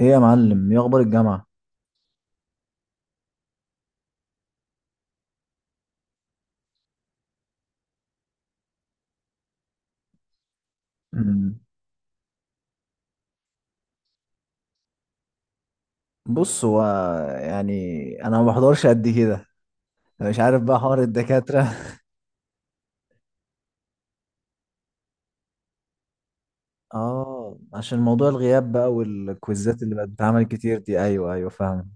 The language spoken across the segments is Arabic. ايه يا معلم، ايه اخبار الجامعه؟ مم. بص، هو يعني انا ما بحضرش قد كده. مش عارف بقى حوار الدكاتره اه، عشان موضوع الغياب بقى والكويزات اللي بقت بتتعمل كتير دي. ايوه ايوه، فاهم.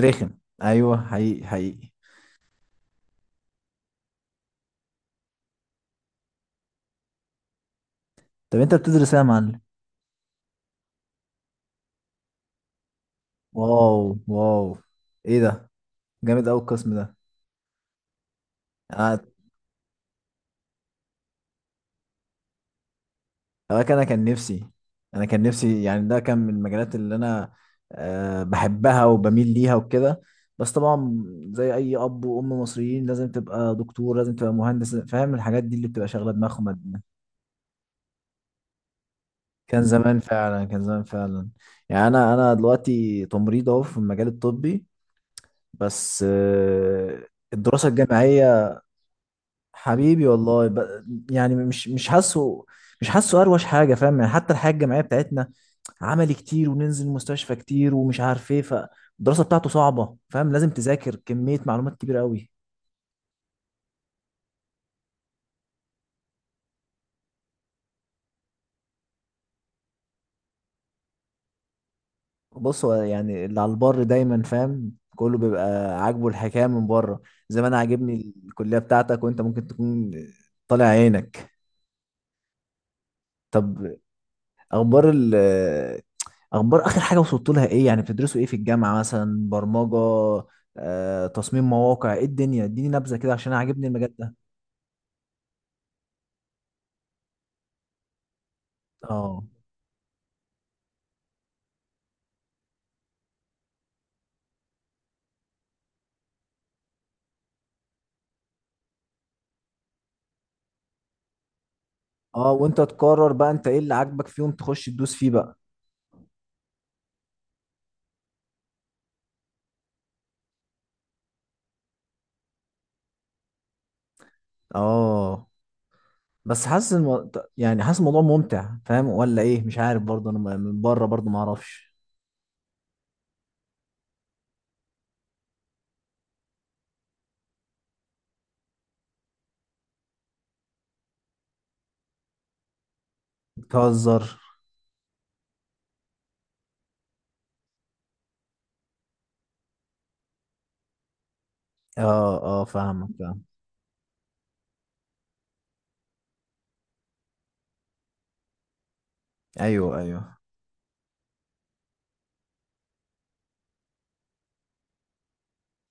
رخم. ايوه، حقيقي. طب انت بتدرس ايه يا معلم؟ واو واو، ايه ده! جامد قوي القسم ده. آه، هو انا كان نفسي. انا كان نفسي يعني، ده كان من المجالات اللي انا بحبها وبميل ليها وكده. بس طبعا زي اي اب وام مصريين، لازم تبقى دكتور، لازم تبقى مهندس، فاهم؟ الحاجات دي اللي بتبقى شاغله دماغهم. كان زمان فعلا. يعني انا دلوقتي تمريض، اهو في المجال الطبي. بس الدراسه الجامعيه، حبيبي والله، يعني مش حاسه. مش حاسه اروش حاجه، فاهم؟ يعني حتى الحياه الجامعيه بتاعتنا عملي كتير، وننزل مستشفى كتير، ومش عارف ايه. فالدراسه بتاعته صعبه، فاهم، لازم تذاكر كميه معلومات كبيره قوي. بص، هو يعني اللي على البر دايما، فاهم، كله بيبقى عاجبه الحكايه من بره. زي ما انا عاجبني الكليه بتاعتك، وانت ممكن تكون طالع عينك. طب، اخبار ال، اخبار اخر حاجه وصلت لها ايه؟ يعني بتدرسوا ايه في الجامعه؟ مثلا برمجه، تصميم مواقع، ايه الدنيا؟ اديني نبذه كده، عشان أنا عاجبني المجال ده. اه اه، وانت تقرر بقى انت ايه اللي عاجبك فيهم، تخش تدوس فيه بقى. اه، بس حاسس يعني حاسس الموضوع ممتع، فاهم، ولا ايه؟ مش عارف برضه، انا من بره برضه ما اعرفش. بتهزر. اه اه، فاهمك، فاهم. ايوه ايوه.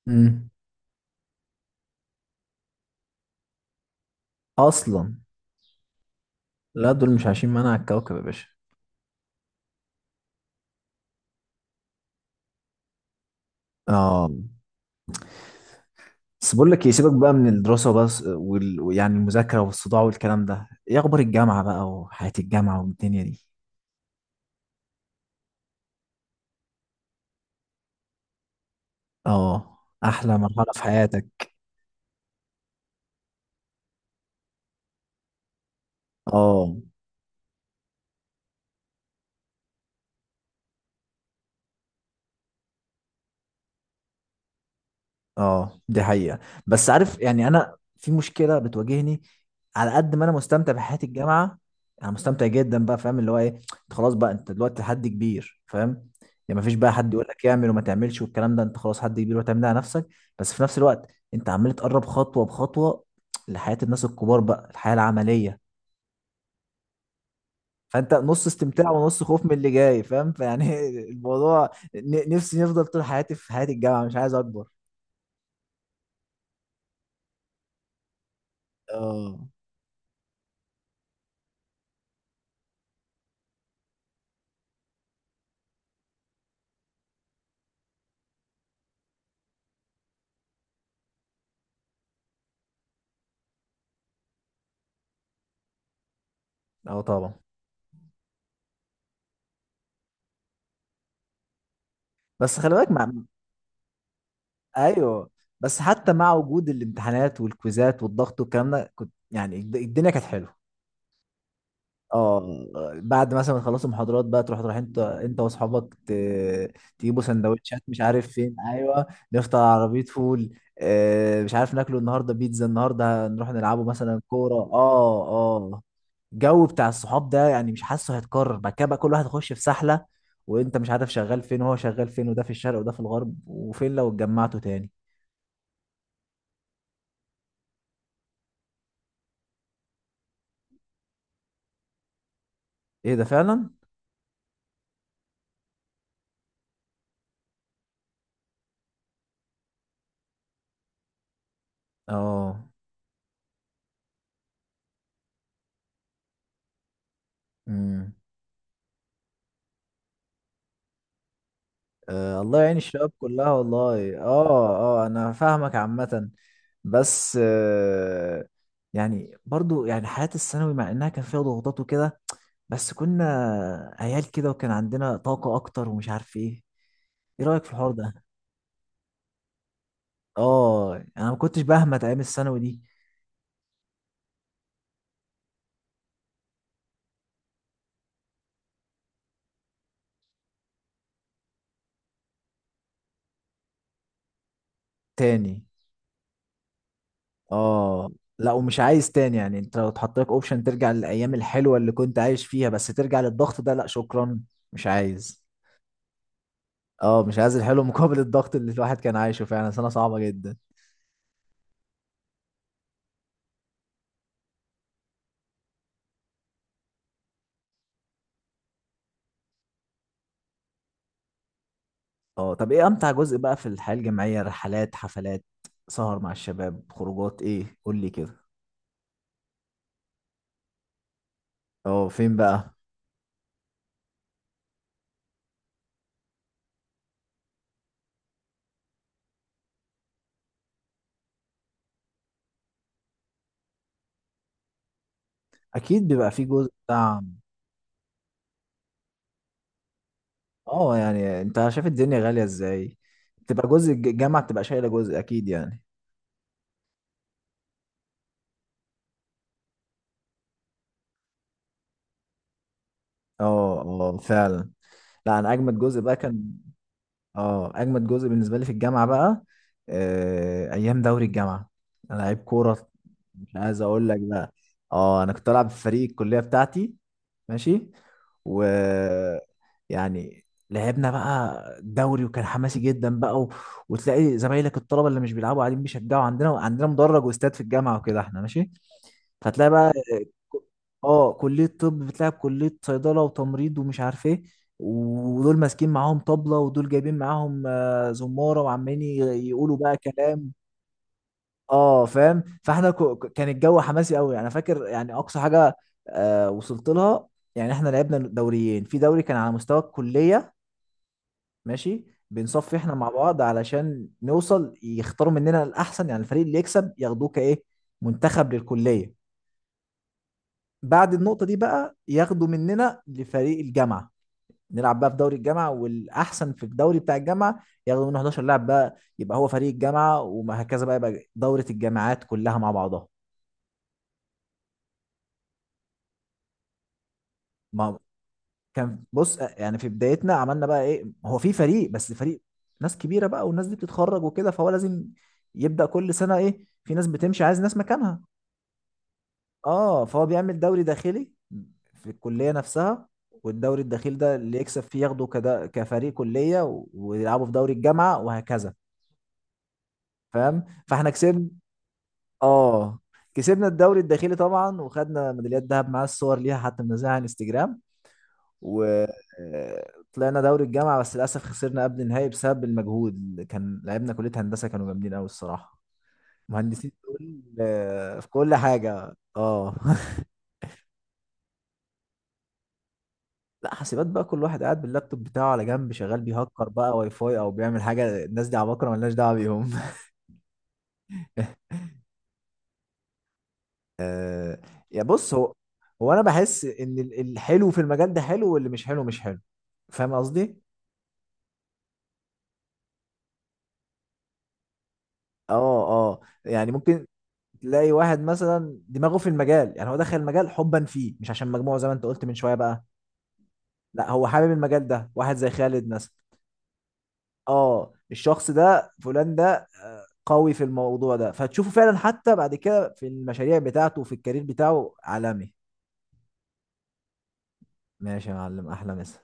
امم. اصلا، لا، دول مش عايشين معانا على الكوكب يا باشا. اه، بس بقول لك، يسيبك بقى من الدراسة بس يعني المذاكرة والصداع والكلام ده، ايه اخبار الجامعة بقى وحياة الجامعة والدنيا دي؟ اه، احلى مرحلة في حياتك. اه اه، دي حقيقة. بس عارف يعني، انا في مشكلة بتواجهني. على قد ما انا مستمتع بحياة الجامعة، انا مستمتع جدا بقى، فاهم، اللي هو ايه، انت خلاص بقى، انت دلوقتي حد كبير، فاهم. يعني مفيش بقى حد يقول لك اعمل وما تعملش والكلام ده، انت خلاص حد كبير وتعمل ده على نفسك. بس في نفس الوقت، انت عمال تقرب خطوة بخطوة لحياة الناس الكبار بقى، الحياة العملية. فانت نص استمتاع ونص خوف من اللي جاي، فاهم، فيعني الموضوع، نفسي نفضل طول حياتي في حياة الجامعة، مش عايز اكبر. اه اه طبعا. بس خلي بالك مع، ايوه. بس حتى مع وجود الامتحانات والكويزات والضغط والكلام ده، كنت يعني الدنيا كانت حلوه. اه، بعد مثلا ما تخلصوا محاضرات بقى، تروح انت واصحابك، تجيبوا سندوتشات مش عارف فين. ايوه، نفطر على عربيه فول، مش عارف ناكله النهارده بيتزا، النهارده نروح نلعبوا مثلا كوره. اه اه، الجو بتاع الصحاب ده يعني مش حاسه هيتكرر بعد كده بقى، كل واحد يخش في سحله، وانت مش عارف شغال فين وهو شغال فين، وده في الشرق وده في الغرب، وفين لو اتجمعتوا تاني؟ ايه ده، فعلا! اه. امم. آه، الله يعين الشباب كلها، والله. اه اه، انا فاهمك عامة. بس آه، يعني برضو يعني حياة الثانوي، مع انها كان فيها ضغوطات وكده، بس كنا عيال كده وكان عندنا طاقة اكتر ومش عارف ايه. ايه رأيك في الحوار ده؟ اه، انا ما كنتش بهمت ايام الثانوي دي تاني. اه، لا، ومش عايز تاني يعني. انت لو اتحط لك اوبشن ترجع للايام الحلوة اللي كنت عايش فيها بس ترجع للضغط ده، لا شكرا، مش عايز. اه، مش عايز الحلو مقابل الضغط اللي الواحد كان عايشه. فعلا سنة صعبة جدا. اه، طب ايه امتع جزء بقى في الحياة الجامعية؟ رحلات، حفلات، سهر مع الشباب، خروجات، ايه؟ قول لي كده. اه، فين بقى؟ اكيد بيبقى في جزء بتاع، اه، يعني انت شايف الدنيا غالية ازاي، بتبقى جزء الجامعة بتبقى شايلة جزء اكيد يعني. اه اه، فعلا. لا، انا اجمد جزء بقى كان، اه، اجمد جزء بالنسبه لي في الجامعه بقى، ايام دوري الجامعه. انا لعيب كوره، مش عايز اقول لك بقى. اه، انا كنت العب في فريق الكليه بتاعتي. ماشي. و، يعني، لعبنا بقى الدوري وكان حماسي جدا بقى وتلاقي زمايلك الطلبه اللي مش بيلعبوا قاعدين بيشجعوا. عندنا مدرج واستاد في الجامعه وكده، احنا ماشي. فتلاقي بقى، اه، كلية طب بتلعب كلية صيدلة وتمريض ومش عارف ايه، ودول ماسكين معاهم طبلة، ودول جايبين معاهم زمارة، وعمالين يقولوا بقى كلام. اه فاهم، فاحنا كان الجو حماسي قوي يعني. انا فاكر يعني اقصى حاجة وصلت لها، يعني احنا لعبنا دوريين، في دوري كان على مستوى الكلية. ماشي. بنصفي احنا مع بعض علشان نوصل يختاروا مننا الاحسن، يعني الفريق اللي يكسب ياخدوه كايه منتخب للكلية. بعد النقطة دي بقى ياخدوا مننا لفريق الجامعة، نلعب بقى في دوري الجامعة، والأحسن في الدوري بتاع الجامعة ياخدوا منه 11 لاعب بقى، يبقى هو فريق الجامعة، وهكذا بقى، يبقى دورة الجامعات كلها مع بعضها. ما كان، بص يعني في بدايتنا عملنا بقى إيه، هو في فريق، بس فريق ناس كبيرة بقى، والناس دي بتتخرج وكده، فهو لازم يبدأ كل سنة إيه، في ناس بتمشي عايز ناس مكانها. اه، فهو بيعمل دوري داخلي في الكلية نفسها، والدوري الداخلي ده اللي يكسب فيه ياخده كده كفريق كلية، ويلعبوا في دوري الجامعة وهكذا. فاهم، فاحنا كسبنا. اه، كسبنا الدوري الداخلي طبعا، وخدنا ميداليات ذهب، معاه الصور ليها حتى، منزلها على انستجرام. وطلعنا دوري الجامعة، بس للأسف خسرنا قبل النهائي بسبب المجهود، كان لعبنا كلية هندسة كانوا جامدين قوي الصراحة. مهندسين في كل، في كل حاجة، اه لا، حاسبات بقى كل واحد قاعد باللابتوب بتاعه على جنب، شغال بيهكر بقى واي فاي او بيعمل حاجه، الناس دي عباقره ملناش دعوه بيهم آه، يا بص هو، هو انا بحس ان الحلو في المجال ده حلو، واللي مش حلو مش حلو، فاهم قصدي. اه اه، يعني ممكن تلاقي واحد مثلا دماغه في المجال، يعني هو دخل المجال حبا فيه، مش عشان مجموعه زي ما انت قلت من شويه بقى. لا، هو حابب المجال ده، واحد زي خالد مثلا. اه، الشخص ده فلان ده قوي في الموضوع ده، فتشوفه فعلا حتى بعد كده في المشاريع بتاعته وفي الكارير بتاعه عالمي. ماشي يا معلم، احلى مسا.